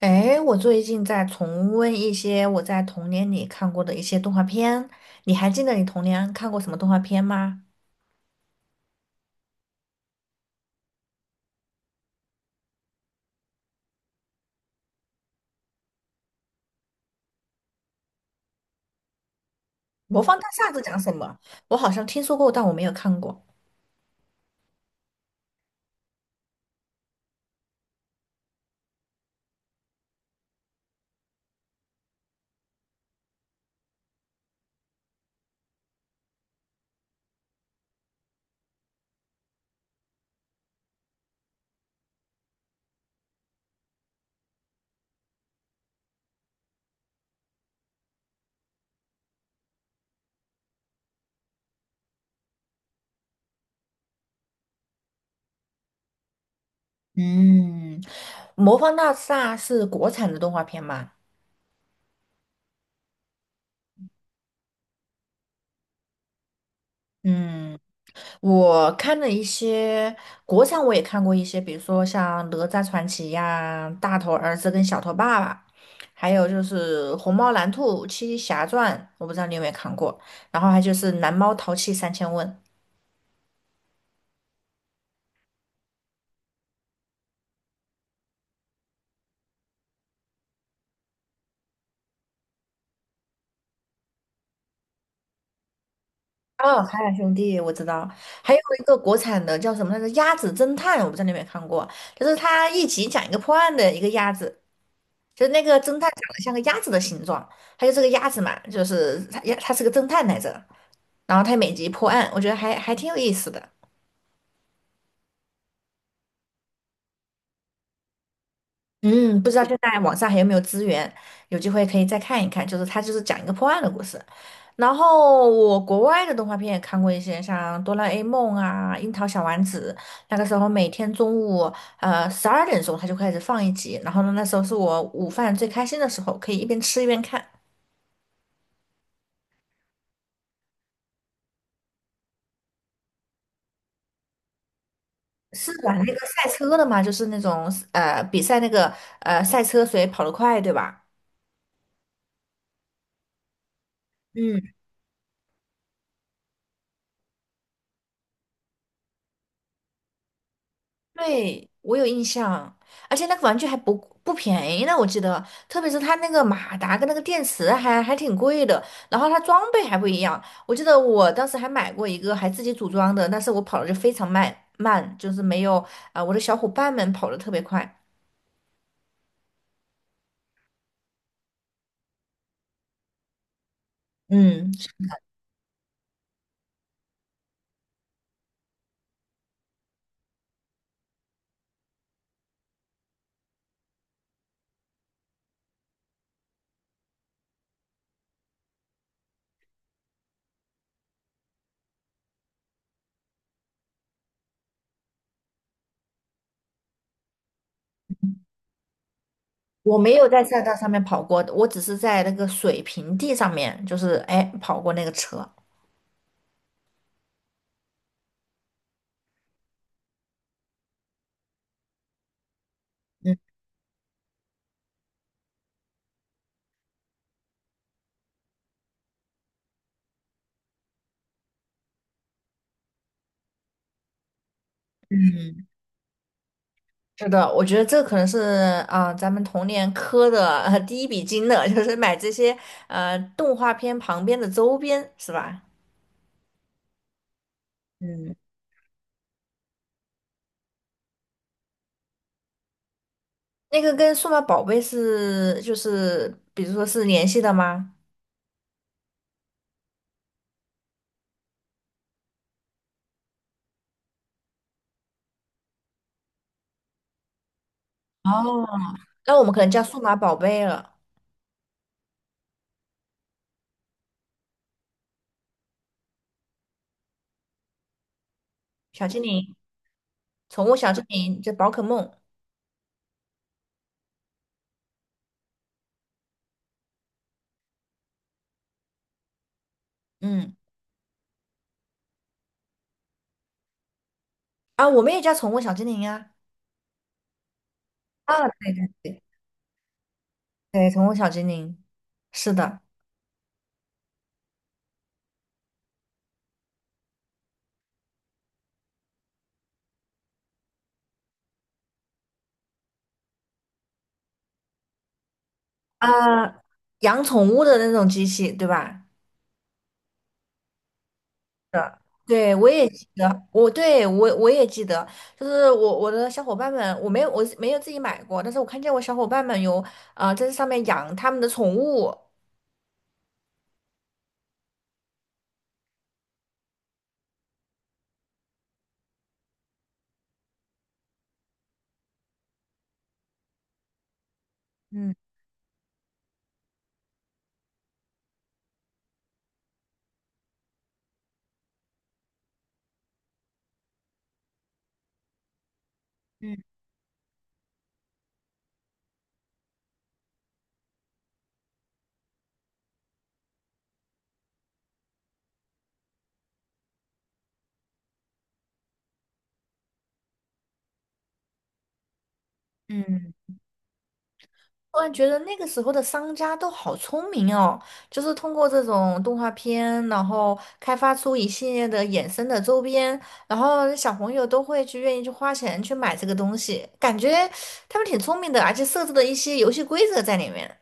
哎，我最近在重温一些我在童年里看过的一些动画片。你还记得你童年看过什么动画片吗？《魔方大厦》是讲什么？我好像听说过，但我没有看过。嗯，《魔方大厦》是国产的动画片吗？嗯。我看了一些国产，我也看过一些，比如说像《哪吒传奇》呀，《大头儿子跟小头爸爸》，还有就是《虹猫蓝兔七侠传》，我不知道你有没有看过。然后还就是《蓝猫淘气三千问》。哦，海尔兄弟我知道。还有一个国产的叫什么来着，《鸭子侦探》，我不知道你有没有看过，就是他一集讲一个破案的一个鸭子，就是那个侦探长得像个鸭子的形状，他就这个鸭子嘛，就是他是个侦探来着。然后他每集破案，我觉得还挺有意思的。嗯，不知道现在网上还有没有资源，有机会可以再看一看。就是他就是讲一个破案的故事。然后我国外的动画片也看过一些，像《哆啦 A 梦》啊，《樱桃小丸子》。那个时候每天中午12点钟他就开始放一集，然后呢那时候是我午饭最开心的时候，可以一边吃一边看。是玩那个赛车的嘛，就是那种比赛那个赛车谁跑得快，对吧？嗯。对，我有印象，而且那个玩具还不不便宜呢，我记得，特别是它那个马达跟那个电池还挺贵的，然后它装备还不一样，我记得我当时还买过一个还自己组装的，但是我跑的就非常慢，就是没有啊、我的小伙伴们跑的特别快。嗯，我没有在赛道上面跑过，我只是在那个水平地上面，就是哎跑过那个车。嗯。是的，我觉得这可能是咱们童年磕的、第一笔金的，就是买这些动画片旁边的周边，是吧？嗯，那个跟数码宝贝是就是比如说是联系的吗？哦，那我们可能叫数码宝贝了。小精灵、宠物小精灵，就宝可梦。嗯。啊，我们也叫宠物小精灵啊。啊，对对对对，宠物小精灵，是的。啊，养宠物的那种机器，对吧？对，我也记得，我对我我也记得，就是我的小伙伴们，我没有自己买过，但是我看见我小伙伴们有啊在这上面养他们的宠物。嗯。嗯。嗯，突然觉得那个时候的商家都好聪明哦，就是通过这种动画片，然后开发出一系列的衍生的周边，然后小朋友都会去愿意去花钱去买这个东西，感觉他们挺聪明的，而且设置了一些游戏规则在里面。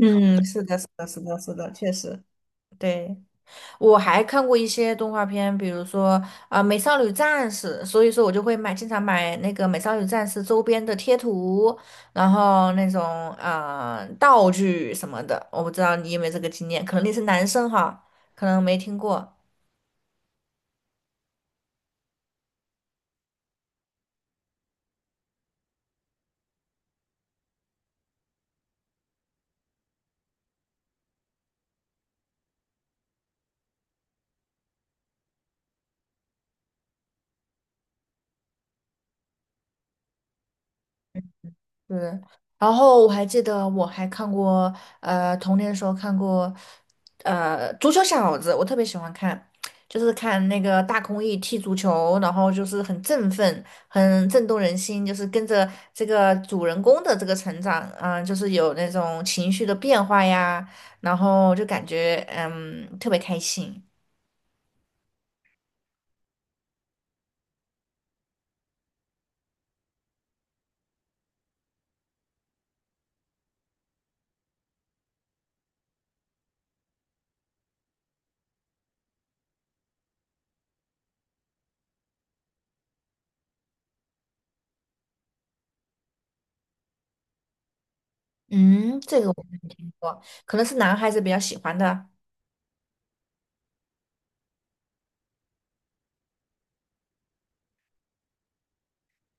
嗯，是的，是的，是的，是的，确实，对，我还看过一些动画片，比如说啊，美少女战士》，所以说我就会买，经常买那个《美少女战士》周边的贴图，然后那种道具什么的。我不知道你有没有这个经验，可能你是男生哈，可能没听过。对，然后我还记得我还看过，呃，童年的时候看过，呃，足球小子，我特别喜欢看，就是看那个大空翼踢足球，然后就是很振奋，很震动人心，就是跟着这个主人公的这个成长，就是有那种情绪的变化呀，然后就感觉特别开心。嗯，这个我没听过，可能是男孩子比较喜欢的。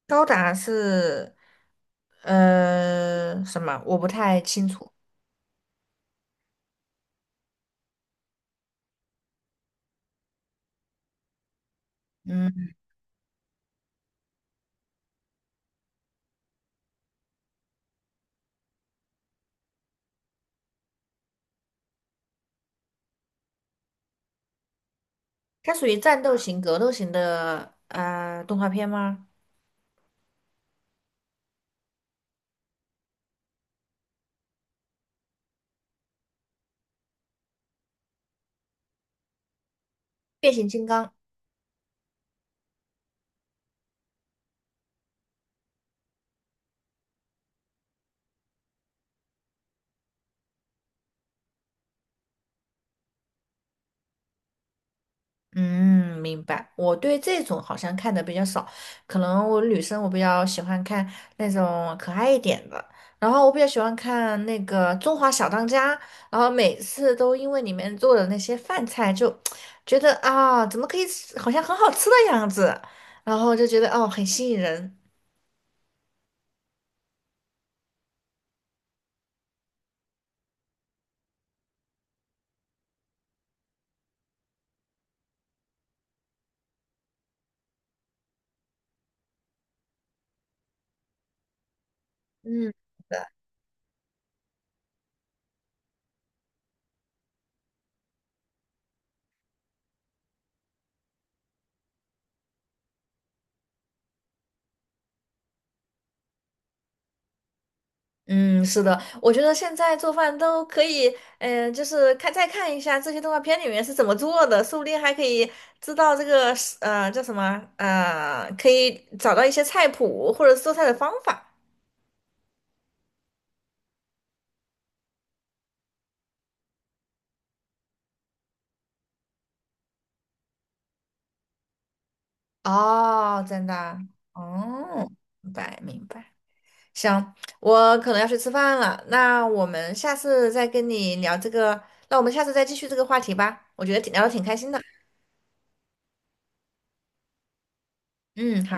高达是什么？我不太清楚。嗯，它属于战斗型、格斗型的动画片吗？变形金刚。嗯，明白。我对这种好像看的比较少，可能我女生我比较喜欢看那种可爱一点的，然后我比较喜欢看那个《中华小当家》，然后每次都因为里面做的那些饭菜就觉得啊，怎么可以吃好像很好吃的样子，然后就觉得哦很吸引人。嗯。嗯，是的，我觉得现在做饭都可以，就是看再看一下这些动画片里面是怎么做的，说不定还可以知道这个是叫什么，可以找到一些菜谱或者是做菜的方法。哦，真的啊，哦，明白明白。行，我可能要去吃饭了，那我们下次再跟你聊这个，那我们下次再继续这个话题吧，我觉得挺聊的挺开心的。嗯，好。